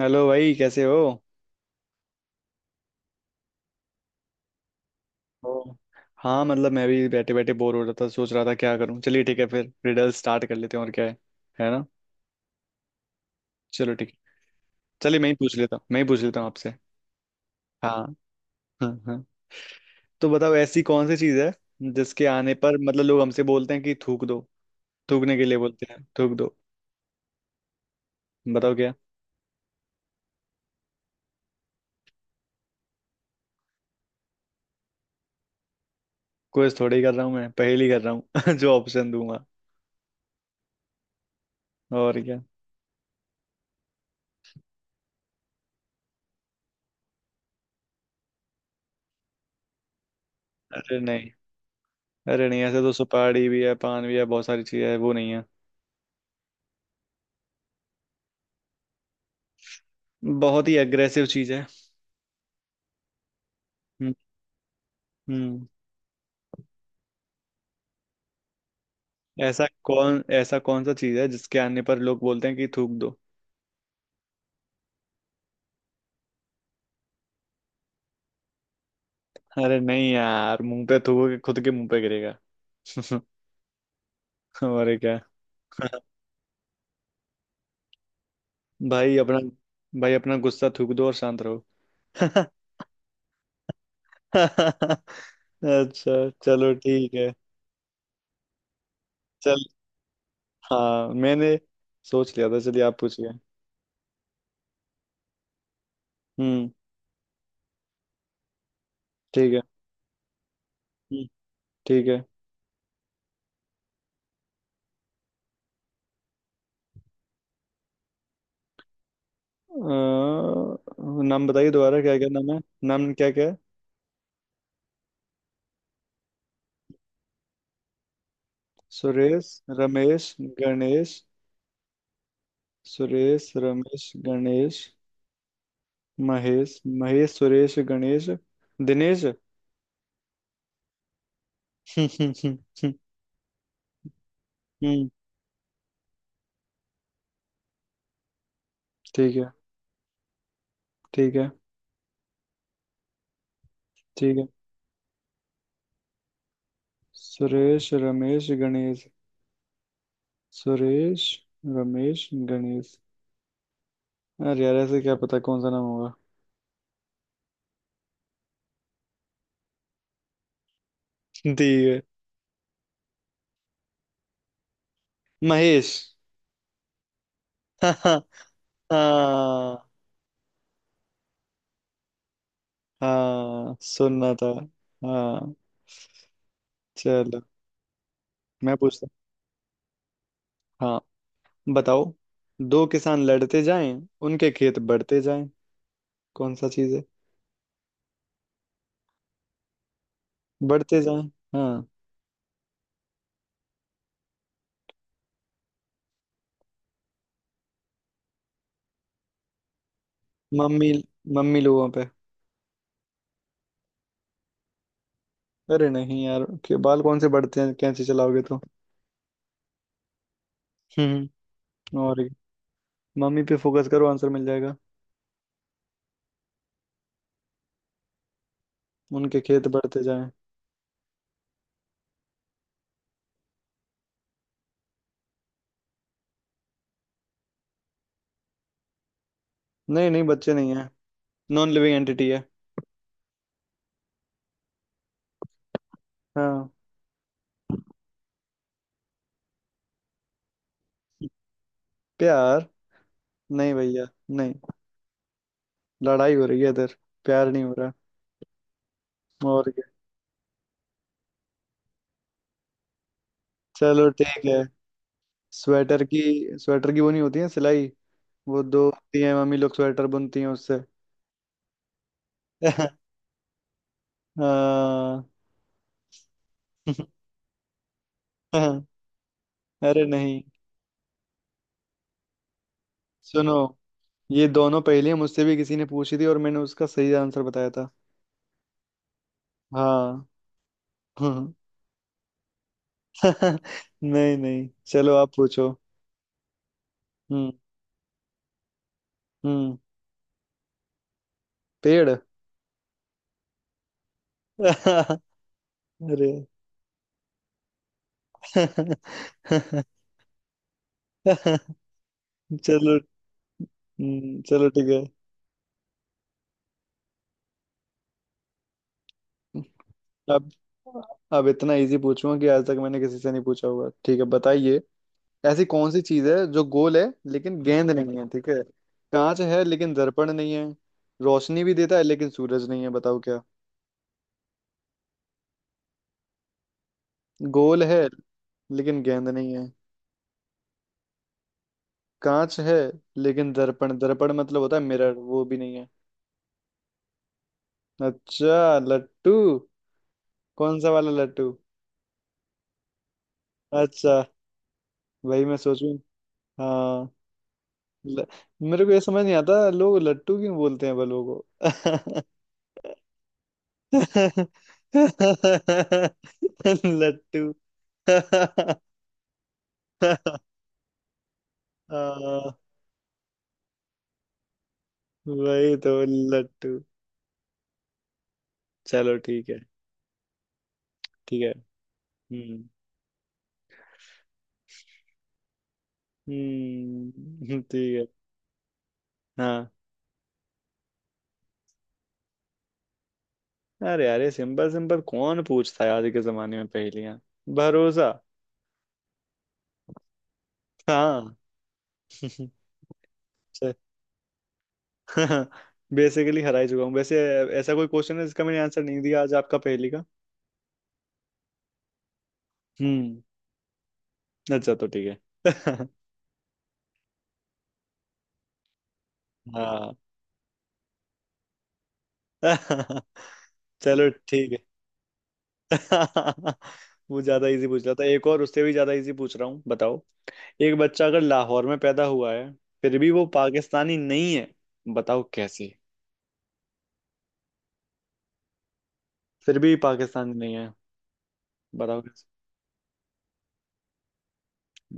Hello भाई, कैसे हो? ओ। हाँ, मतलब मैं भी बैठे बैठे बोर हो रहा था, सोच रहा था क्या करूँ। चलिए ठीक है, फिर रिडल स्टार्ट कर लेते हैं, और क्या है। है ना। चलो ठीक है। चलिए मैं ही पूछ लेता हूँ, मैं ही पूछ लेता हूँ आपसे। हाँ, हाँ, हाँ। तो बताओ, ऐसी कौन सी चीज़ है, जिसके आने पर मतलब लोग हमसे बोलते हैं कि थूक दो। थूकने के लिए बोलते हैं थूक दो। बताओ क्या। क्विज थोड़ी कर रहा हूँ मैं, पहेली कर रहा हूँ। जो ऑप्शन दूंगा। और क्या। अरे नहीं। अरे नहीं, ऐसे तो सुपारी भी है, पान भी है, बहुत सारी चीज़ें है, वो नहीं है। बहुत ही अग्रेसिव चीज़ है। हम्म। हम्म। ऐसा कौन सा चीज है जिसके आने पर लोग बोलते हैं कि थूक दो। अरे नहीं यार, मुंह पे थूकोगे खुद के मुंह पे गिरेगा। और क्या। भाई अपना। भाई अपना गुस्सा थूक दो और शांत रहो। अच्छा चलो ठीक है। चल। हाँ मैंने सोच लिया था। चलिए आप पूछिए। हम्म। ठीक है। हम्म, ठीक है। अ, नाम बताइए दोबारा, क्या क्या नाम है। नाम क्या क्या है। सुरेश रमेश गणेश। सुरेश रमेश गणेश। महेश महेश सुरेश गणेश। दिनेश। हम्म। ठीक है। ठीक है। ठीक है। सुरेश रमेश गणेश। सुरेश रमेश गणेश। अरे यार, ऐसे क्या पता कौन सा नाम होगा। ठीक है। महेश। हाँ। हाँ। हाँ सुनना था। हाँ। चलो। मैं पूछता हूँ। हाँ बताओ। दो किसान लड़ते जाएं, उनके खेत बढ़ते जाएं। कौन सा चीज है। बढ़ते जाएं। हाँ। मम्मी। मम्मी लोगों पे। अरे नहीं यार, के बाल कौन से बढ़ते हैं, कैंची चलाओगे तो। हम्म। और क्या? मम्मी पे फोकस करो, आंसर मिल जाएगा। उनके खेत बढ़ते जाएं। नहीं नहीं, बच्चे नहीं है। नॉन लिविंग एंटिटी है। हाँ। प्यार। नहीं भैया। नहीं। लड़ाई हो रही है इधर, प्यार नहीं हो रहा। और क्या। चलो ठीक है। स्वेटर की। स्वेटर की वो नहीं होती है सिलाई। वो दो होती है, मम्मी लोग स्वेटर बुनती हैं उससे। हाँ। अरे नहीं। सुनो, ये दोनों पहेलियां मुझसे भी किसी ने पूछी थी, और मैंने उसका सही आंसर बताया था। हाँ। हम्म। नहीं नहीं, चलो आप पूछो। हम्म। हम्म। पेड़। अरे। चलो। चलो ठीक है। अब अब इतना इजी पूछूंगा कि आज तक मैंने किसी से नहीं पूछा होगा, ठीक है, बताइए। ऐसी कौन सी चीज है जो गोल है, लेकिन गेंद नहीं है, ठीक है। कांच है लेकिन दर्पण नहीं है। रोशनी भी देता है लेकिन सूरज नहीं है। बताओ क्या। गोल है लेकिन गेंद नहीं है। कांच है लेकिन दर्पण, दर्पण मतलब होता है मिरर, वो भी नहीं है। अच्छा लट्टू। कौन सा वाला लट्टू। अच्छा। वही मैं सोचूं। हाँ। ल... मेरे को ये समझ नहीं आता लोग लट्टू क्यों बोलते हैं बलों को। लट्टू। हाँ। वही तो। लट्टू। चलो ठीक है। ठीक है। हम्म। हम्म। ठीक है। हाँ। अरे अरे, सिंपल सिंपल कौन पूछता है आज के जमाने में पहेलियां। भरोसा। हाँ। बेसिकली हरा ही चुका हूँ वैसे। ऐसा कोई क्वेश्चन है जिसका मैंने आंसर नहीं दिया आज आपका पहेली का। हम्म। अच्छा तो ठीक है। हाँ। चलो ठीक है। वो ज्यादा इजी पूछ रहा था, एक और उससे भी ज्यादा इजी पूछ रहा हूँ, बताओ। एक बच्चा अगर लाहौर में पैदा हुआ है, फिर भी वो पाकिस्तानी नहीं है। बताओ कैसे। फिर भी पाकिस्तानी नहीं है। बताओ।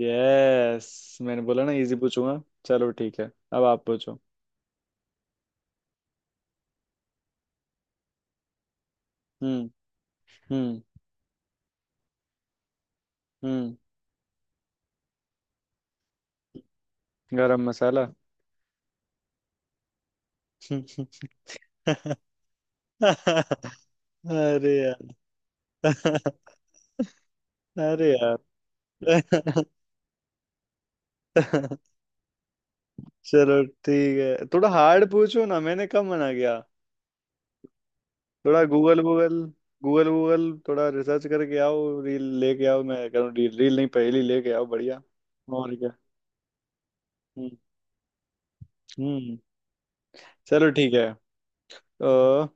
यस, मैंने बोला ना इजी पूछूंगा। चलो ठीक है, अब आप पूछो। हम्म। हम्म। हम्म। गरम मसाला। अरे यार। अरे यार। चलो ठीक है, थोड़ा हार्ड पूछो ना, मैंने कब मना किया। थोड़ा गूगल गूगल। गूगल गूगल थोड़ा रिसर्च करके आओ, रील लेके आओ, मैं कह रहा हूँ, रील रील नहीं, पहेली लेके आओ, बढ़िया। और क्या। हम्म। हम्म। चलो ठीक है। तो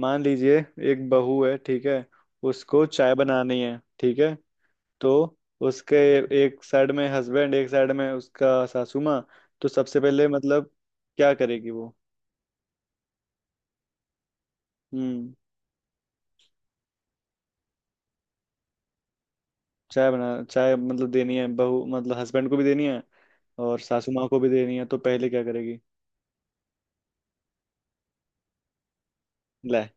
मान लीजिए, एक बहू है, ठीक है, उसको चाय बनानी है, ठीक है। तो उसके एक साइड में हस्बैंड, एक साइड में उसका सासू माँ। तो सबसे पहले मतलब क्या करेगी वो। हम्म। चाय मतलब देनी है, बहू मतलब हस्बैंड को भी देनी है और सासू माँ को भी देनी है, तो पहले क्या करेगी। ले।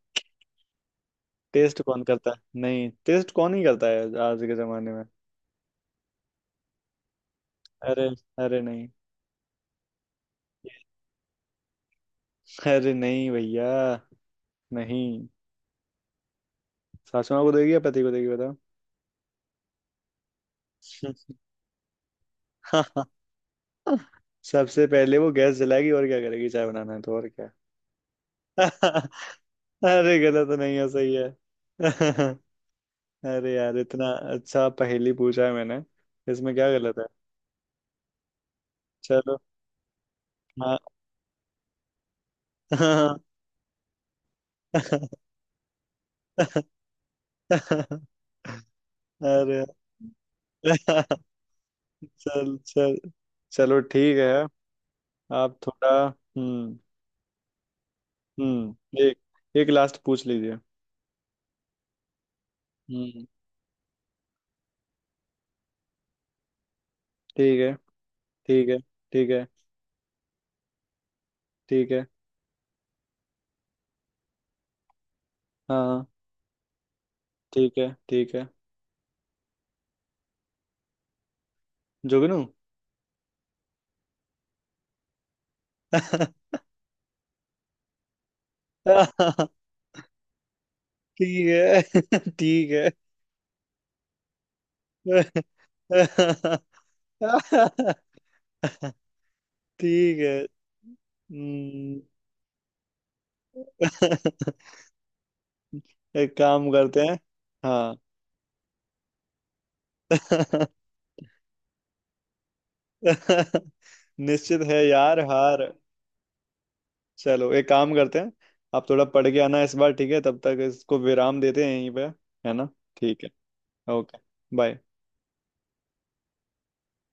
टेस्ट कौन करता है, नहीं टेस्ट कौन ही करता है आज के जमाने में। अरे। अरे नहीं। अरे नहीं भैया। नहीं। सासू माँ को देगी या पति को देगी। बताओ। सबसे पहले वो गैस जलाएगी, और क्या करेगी, चाय बनाना है तो, और क्या। अरे गलत तो नहीं है, सही है। अरे यार, इतना अच्छा पहेली पूछा है मैंने, इसमें क्या गलत है। चलो। हाँ। अरे। चल। चल। चलो ठीक है। आप थोड़ा। हम्म। हम्म। एक एक लास्ट पूछ लीजिए। हम्म। ठीक है। ठीक है। ठीक है। ठीक है। हाँ। हाँ। ठीक है। ठीक है। जोगिनू। ठीक है। ठीक है। ठीक है। हम्म, एक काम करते हैं। हाँ। निश्चित है यार हार। चलो एक काम करते हैं, आप थोड़ा पढ़ के आना इस बार, ठीक है, तब तक इसको विराम देते हैं यहीं पे। है ना। ठीक है। ओके। बाय।